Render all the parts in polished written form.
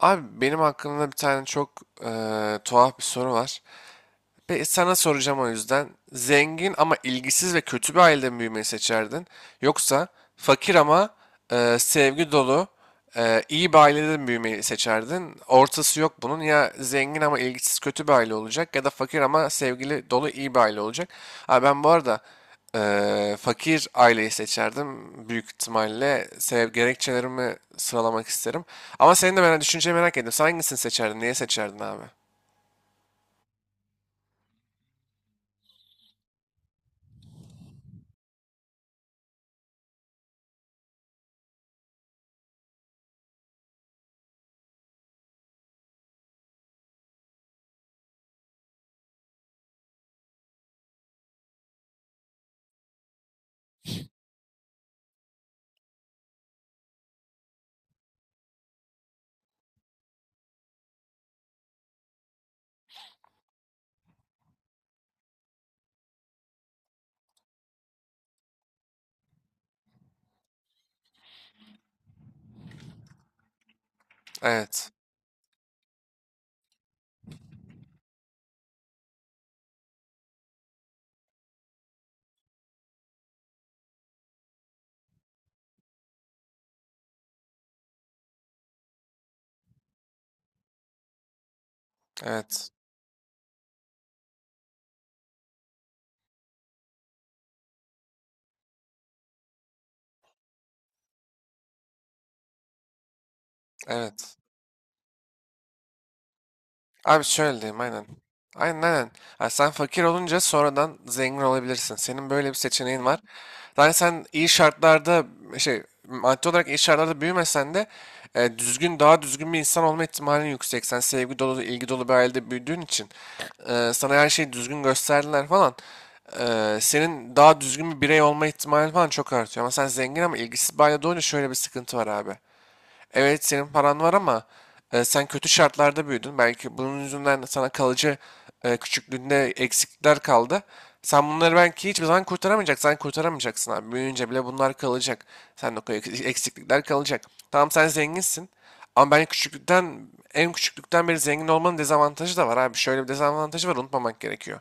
Abi benim hakkımda bir tane çok tuhaf bir soru var. Peki sana soracağım o yüzden. Zengin ama ilgisiz ve kötü bir ailede mi büyümeyi seçerdin? Yoksa fakir ama sevgi dolu, iyi bir ailede mi büyümeyi seçerdin? Ortası yok bunun. Ya zengin ama ilgisiz kötü bir aile olacak ya da fakir ama sevgili dolu iyi bir aile olacak. Ha, ben bu arada fakir aileyi seçerdim. Büyük ihtimalle sev gerekçelerimi sıralamak isterim. Ama senin de merak, düşünceni merak ettim. Sen hangisini seçerdin? Niye seçerdin abi? Evet. Evet. Evet. Abi şöyle diyeyim aynen. Aynen aynen. Ha, sen fakir olunca sonradan zengin olabilirsin. Senin böyle bir seçeneğin var. Yani sen iyi şartlarda şey maddi olarak iyi şartlarda büyümesen de düzgün daha düzgün bir insan olma ihtimalin yüksek. Sen sevgi dolu, ilgi dolu bir ailede büyüdüğün için sana her şeyi düzgün gösterdiler falan. Senin daha düzgün bir birey olma ihtimalin falan çok artıyor. Ama sen zengin ama ilgisiz bir ailede olunca şöyle bir sıkıntı var abi. Evet, senin paran var ama sen kötü şartlarda büyüdün. Belki bunun yüzünden sana kalıcı küçüklüğünde eksiklikler kaldı. Sen bunları belki hiçbir zaman kurtaramayacaksın. Sen kurtaramayacaksın abi. Büyüyünce bile bunlar kalacak. Sen de o eksiklikler kalacak. Tamam, sen zenginsin. Ama ben küçüklükten, en küçüklükten beri zengin olmanın dezavantajı da var abi. Şöyle bir dezavantajı var, unutmamak gerekiyor.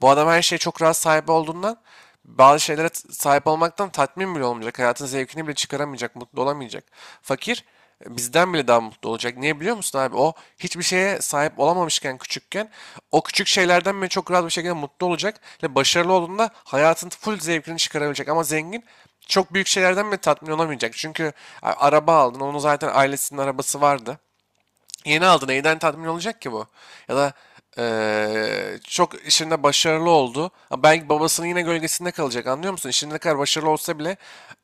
Bu adam her şeye çok rahat sahibi olduğundan bazı şeylere sahip olmaktan tatmin bile olmayacak. Hayatın zevkini bile çıkaramayacak, mutlu olamayacak. Fakir bizden bile daha yüzden mutlu olacak. Niye biliyor musun abi? O hiçbir şeye sahip olamamışken küçükken o küçük şeylerden bile çok rahat bir şekilde mutlu olacak. Ve başarılı olduğunda hayatın full zevkini çıkarabilecek. Ama zengin çok büyük şeylerden bile tatmin olamayacak. Çünkü araba aldın. Onun zaten ailesinin arabası vardı. Yeni aldı. Neyden tatmin olacak ki bu? Ya da çok işinde başarılı oldu. Ama belki babasının yine gölgesinde kalacak. Anlıyor musun? İşinde ne kadar başarılı olsa bile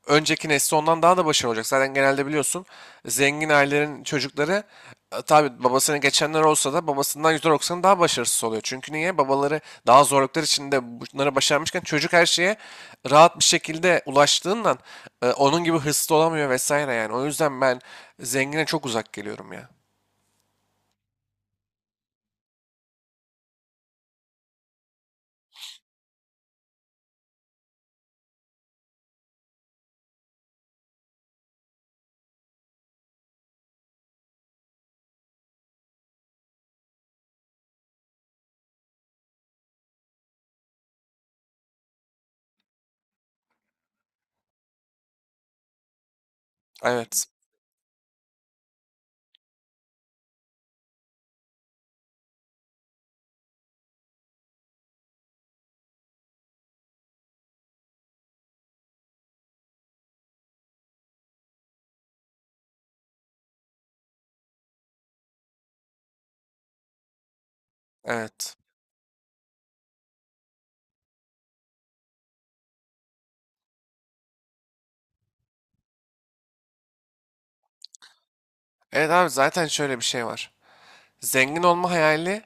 önceki nesli ondan daha da başarılı olacak. Zaten genelde biliyorsun, zengin ailelerin çocukları tabii babasını geçenler olsa da babasından %90 daha başarısız oluyor. Çünkü niye? Babaları daha zorluklar içinde bunları başarmışken çocuk her şeye rahat bir şekilde ulaştığından onun gibi hırslı olamıyor vesaire yani. O yüzden ben zengine çok uzak geliyorum ya. Evet. Evet. Evet abi, zaten şöyle bir şey var. Zengin olma hayali,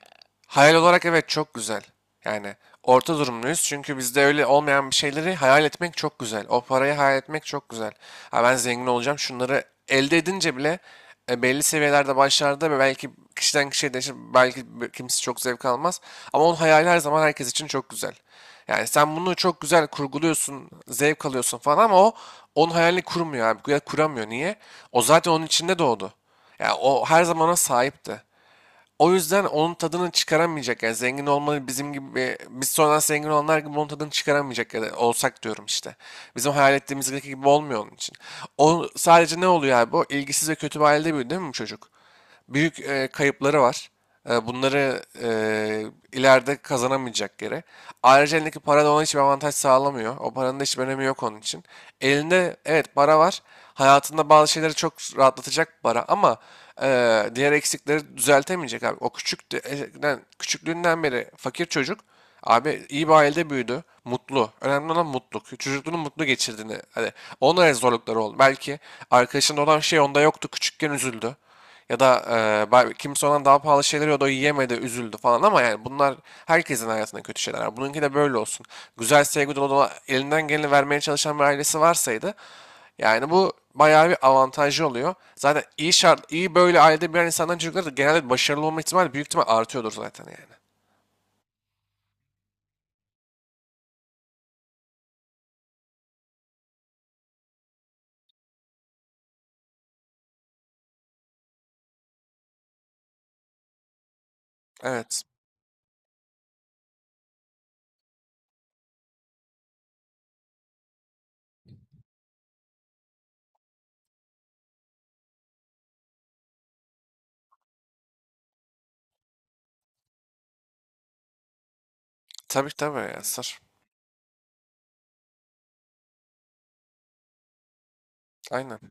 hayal olarak evet çok güzel. Yani orta durumluyuz çünkü bizde öyle olmayan bir şeyleri hayal etmek çok güzel. O parayı hayal etmek çok güzel. Ha, ben zengin olacağım şunları elde edince bile belli seviyelerde başlarda ve belki kişiden kişiye değişir, belki kimisi çok zevk almaz. Ama onun hayali her zaman herkes için çok güzel. Yani sen bunu çok güzel kurguluyorsun, zevk alıyorsun falan, ama o onun hayalini kurmuyor abi. Ya kuramıyor. Niye? O zaten onun içinde doğdu. Yani o her zamana sahipti. O yüzden onun tadını çıkaramayacak, yani zengin olmalı bizim gibi, biz sonradan zengin olanlar gibi onun tadını çıkaramayacak ya da olsak diyorum işte. Bizim hayal ettiğimiz gibi olmuyor onun için. O sadece ne oluyor abi, o ilgisiz ve kötü bir ailede büyüdü değil mi bu çocuk? Büyük kayıpları var. Bunları ileride kazanamayacak yere. Ayrıca elindeki para da ona hiçbir avantaj sağlamıyor. O paranın da hiçbir önemi yok onun için. Elinde, evet, para var. Hayatında bazı şeyleri çok rahatlatacak para, ama diğer eksikleri düzeltemeyecek abi. O küçüklüğünden beri fakir çocuk abi iyi bir ailede büyüdü. Mutlu. Önemli olan mutluluk. Çocukluğunu mutlu geçirdiğini. Hani onlara zorlukları oldu. Belki arkadaşında olan şey onda yoktu. Küçükken üzüldü. Ya da kimse ondan daha pahalı şeyler yiyordu, o yiyemedi, üzüldü falan, ama yani bunlar herkesin hayatında kötü şeyler. Var. Bununki de böyle olsun. Güzel sevgi dolu dolu elinden geleni vermeye çalışan bir ailesi varsaydı, yani bu bayağı bir avantajı oluyor. Zaten iyi şart, iyi böyle ailede bir insandan çocukları da genelde başarılı olma ihtimali büyük ihtimal artıyordur zaten yani. Evet. Tabii tabii ya sır. Aynen.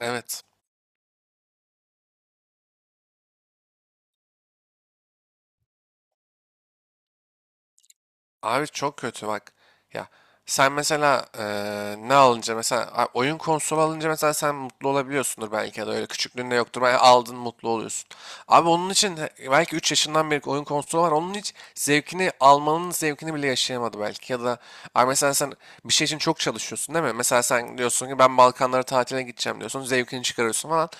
Evet. Abi çok kötü bak. Ya sen mesela ne alınca mesela oyun konsolu alınca mesela sen mutlu olabiliyorsundur belki ya da öyle küçüklüğünde yoktur. Ben aldın mutlu oluyorsun. Abi onun için belki 3 yaşından beri oyun konsolu var. Onun hiç zevkini almanın zevkini bile yaşayamadı belki. Ya da abi mesela sen bir şey için çok çalışıyorsun değil mi? Mesela sen diyorsun ki, ben Balkanlara tatile gideceğim diyorsun. Zevkini çıkarıyorsun falan.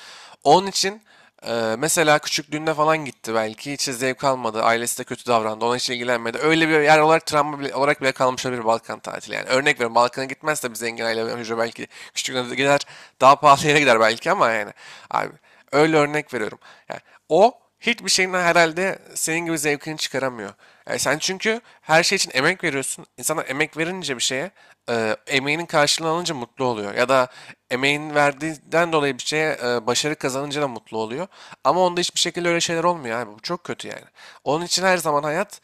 Onun için mesela küçüklüğünde falan gitti belki. Hiç zevk almadı. Ailesi de kötü davrandı. Ona hiç ilgilenmedi. Öyle bir yer olarak travma bile, olarak bile kalmış olabilir Balkan tatili. Yani örnek veriyorum, Balkan'a gitmez de bir zengin aile hücre belki küçüklüğünde de gider. Daha pahalı yere gider belki ama yani. Abi öyle örnek veriyorum. Yani o hiçbir şeyin herhalde senin gibi zevkini çıkaramıyor. Yani sen çünkü her şey için emek veriyorsun. İnsanlar emek verince bir şeye, emeğinin karşılığını alınca mutlu oluyor. Ya da emeğin verdiğinden dolayı bir şeye başarı kazanınca da mutlu oluyor. Ama onda hiçbir şekilde öyle şeyler olmuyor abi. Bu çok kötü yani. Onun için her zaman hayat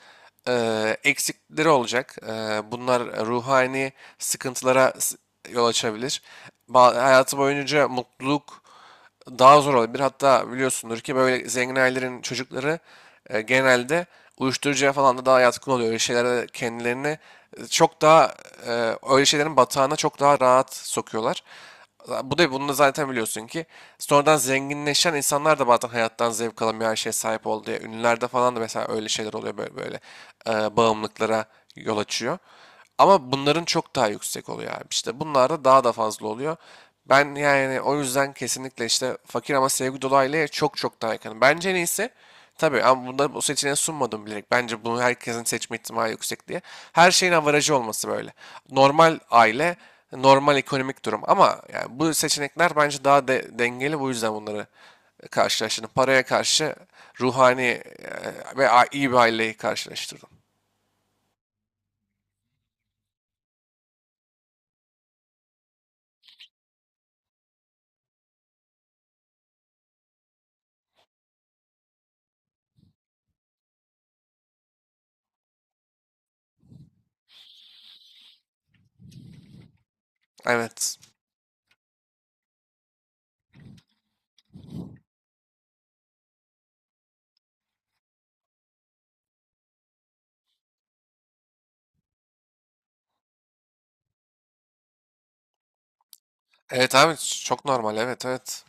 eksikleri olacak. Bunlar ruhani sıkıntılara yol açabilir. Hayatı boyunca mutluluk daha zor olabilir. Hatta biliyorsundur ki böyle zengin ailelerin çocukları genelde uyuşturucuya falan da daha yatkın oluyor. Öyle şeylere kendilerini çok daha öyle şeylerin batağına çok daha rahat sokuyorlar. Bu da, bunu da zaten biliyorsun ki, sonradan zenginleşen insanlar da bazen hayattan zevk alamıyor her şeye sahip oldu diye. Ünlülerde falan da mesela öyle şeyler oluyor, böyle böyle bağımlılıklara yol açıyor. Ama bunların çok daha yüksek oluyor abi. İşte bunlar da daha da fazla oluyor. Ben yani o yüzden kesinlikle işte fakir ama sevgi dolu aileye çok çok daha yakınım. Bence neyse, tabii, ama bunları bu seçeneği sunmadım bilerek. Bence bunu herkesin seçme ihtimali yüksek diye. Her şeyin avarajı olması böyle. Normal aile, normal ekonomik durum. Ama yani bu seçenekler bence daha dengeli. Bu yüzden bunları karşılaştırdım. Paraya karşı ruhani iyi bir aileyi karşılaştırdım. Evet. Evet abi, çok normal, evet, evet.